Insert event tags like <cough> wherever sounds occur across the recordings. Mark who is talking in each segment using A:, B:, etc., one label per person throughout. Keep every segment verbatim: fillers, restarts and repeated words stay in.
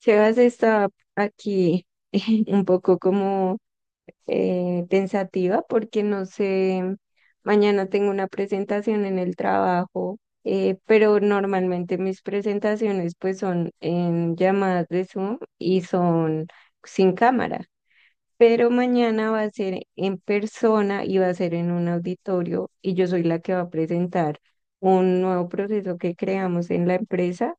A: Sebas está aquí <laughs> un poco como eh, pensativa porque no sé, mañana tengo una presentación en el trabajo. Eh, pero normalmente mis presentaciones pues son en llamadas de Zoom y son sin cámara, pero mañana va a ser en persona y va a ser en un auditorio y yo soy la que va a presentar un nuevo proceso que creamos en la empresa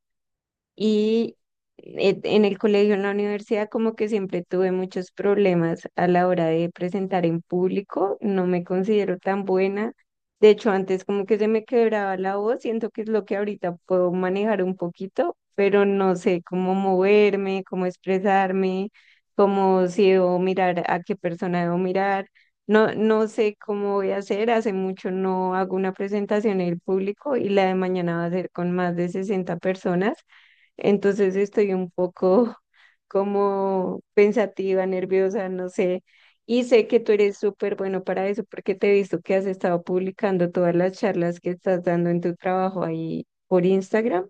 A: y eh, en el colegio, en la universidad, como que siempre tuve muchos problemas a la hora de presentar en público, no me considero tan buena. De hecho, antes como que se me quebraba la voz, siento que es lo que ahorita puedo manejar un poquito, pero no sé cómo moverme, cómo expresarme, cómo si debo mirar, a qué persona debo mirar. No, no sé cómo voy a hacer, hace mucho no hago una presentación en el público y la de mañana va a ser con más de sesenta personas. Entonces estoy un poco <laughs> como pensativa, nerviosa, no sé. Y sé que tú eres súper bueno para eso porque te he visto que has estado publicando todas las charlas que estás dando en tu trabajo ahí por Instagram.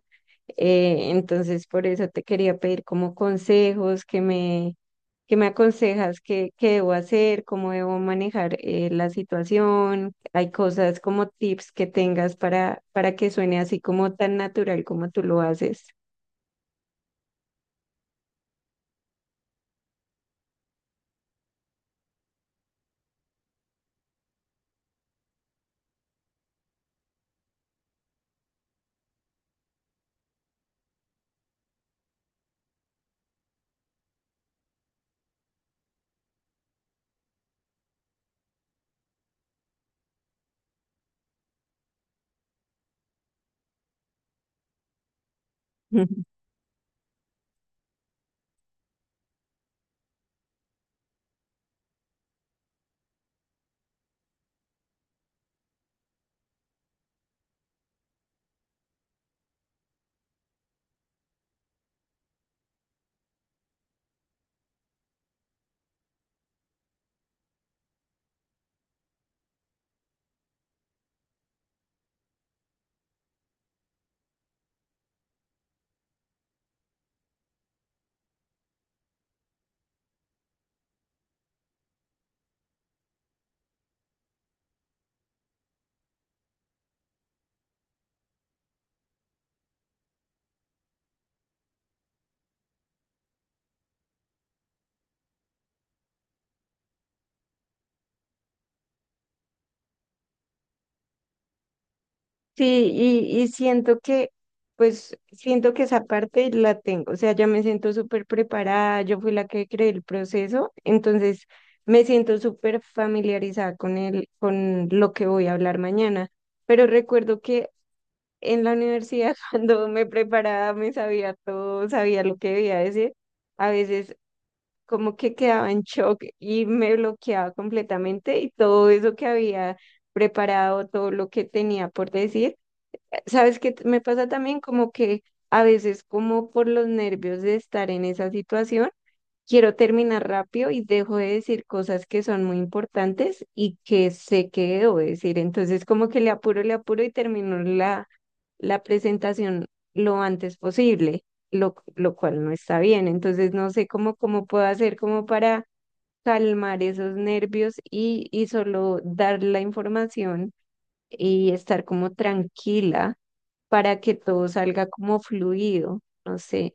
A: Eh, entonces por eso te quería pedir como consejos que me, que me aconsejas qué qué debo hacer, cómo debo manejar eh, la situación. Hay cosas como tips que tengas para, para que suene así como tan natural como tú lo haces. <laughs> Sí, y, y siento que, pues, siento que esa parte la tengo, o sea, yo me siento súper preparada, yo fui la que creé el proceso, entonces me siento súper familiarizada con el, con lo que voy a hablar mañana, pero recuerdo que en la universidad <laughs> cuando me preparaba me sabía todo, sabía lo que debía decir, a veces como que quedaba en shock y me bloqueaba completamente y todo eso que había preparado, todo lo que tenía por decir. ¿Sabes qué t- me pasa también? Como que a veces, como por los nervios de estar en esa situación, quiero terminar rápido y dejo de decir cosas que son muy importantes y que sé que debo decir. Entonces, como que le apuro, le apuro y termino la, la presentación lo antes posible, lo, lo cual no está bien. Entonces, no sé cómo, cómo puedo hacer como para calmar esos nervios y, y solo dar la información y estar como tranquila para que todo salga como fluido, no sé.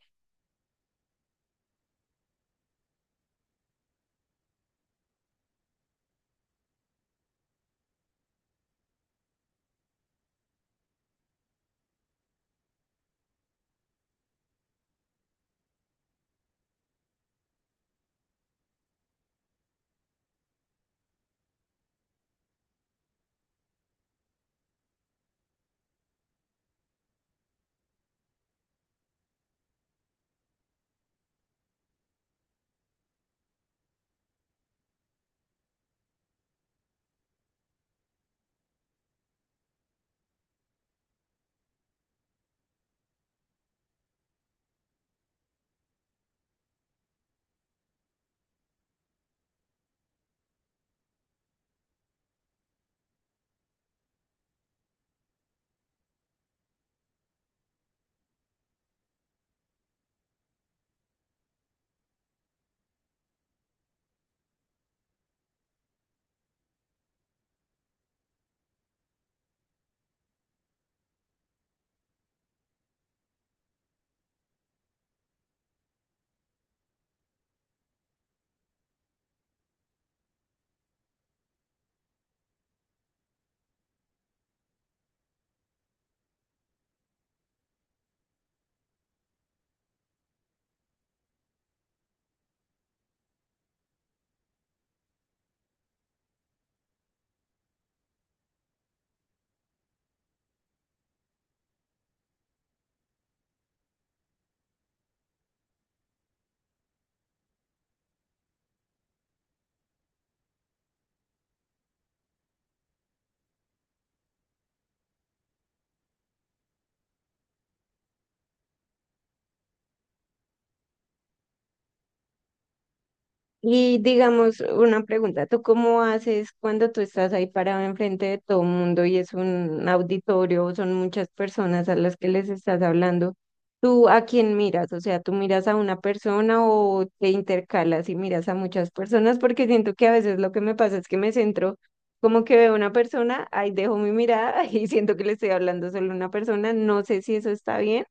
A: Y digamos, una pregunta, ¿tú cómo haces cuando tú estás ahí parado enfrente de todo el mundo y es un auditorio, son muchas personas a las que les estás hablando? ¿Tú a quién miras? O sea, ¿tú miras a una persona o te intercalas y miras a muchas personas? Porque siento que a veces lo que me pasa es que me centro, como que veo una persona, ahí dejo mi mirada <laughs> y siento que le estoy hablando solo a una persona. No sé si eso está bien,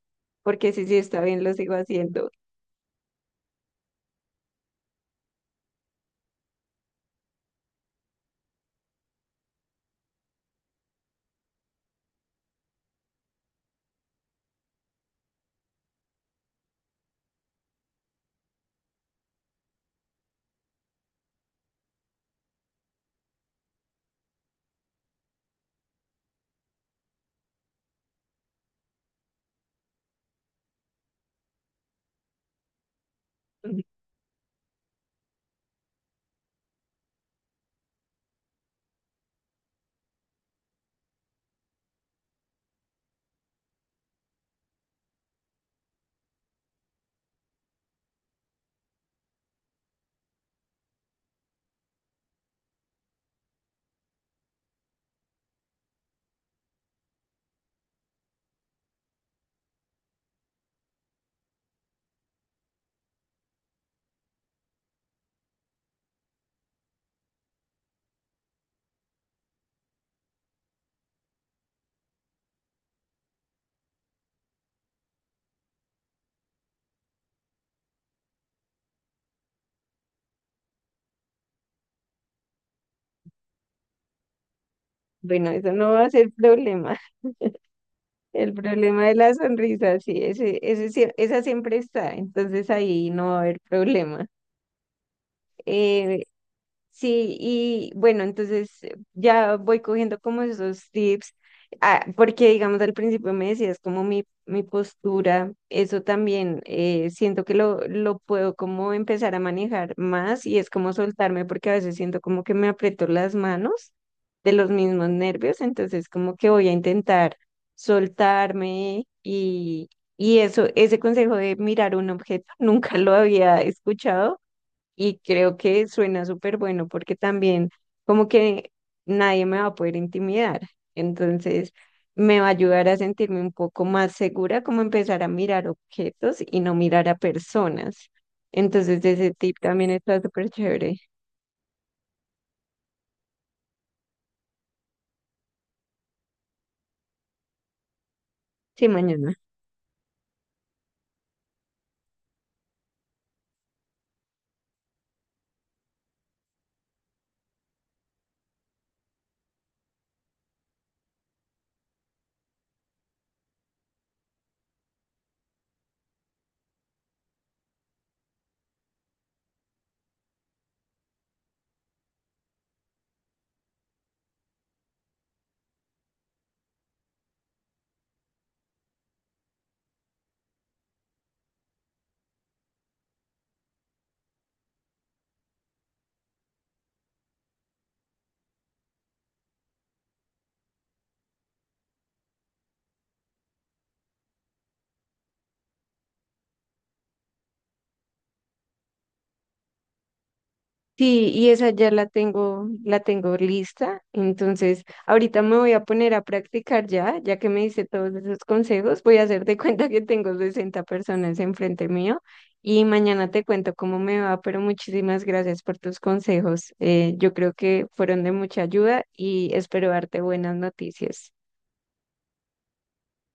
A: porque si sí está bien, lo sigo haciendo. <laughs> Bueno, eso no va a ser problema. El problema de la sonrisa, sí, ese, ese, sie- esa siempre está, entonces ahí no va a haber problema. Eh, Sí, y bueno, entonces eh, ya voy cogiendo como esos tips, ah, porque digamos al principio me decías como mi, mi postura, eso también, eh, siento que lo, lo puedo como empezar a manejar más y es como soltarme porque a veces siento como que me aprieto las manos de los mismos nervios, entonces como que voy a intentar soltarme y, y eso, ese consejo de mirar un objeto, <laughs> nunca lo había escuchado y creo que suena súper bueno porque también como que nadie me va a poder intimidar. Entonces me va a ayudar a sentirme un poco más segura, como empezar a mirar objetos y no mirar a personas. Entonces ese tip también está súper chévere. Sí, mañana. Sí, y esa ya la tengo, la tengo lista. Entonces, ahorita me voy a poner a practicar ya, ya que me hice todos esos consejos, voy a hacer de <laughs> cuenta que tengo sesenta personas enfrente mío y mañana te cuento cómo me va, pero muchísimas gracias por tus consejos. Eh, yo creo que fueron de mucha ayuda y espero darte buenas noticias.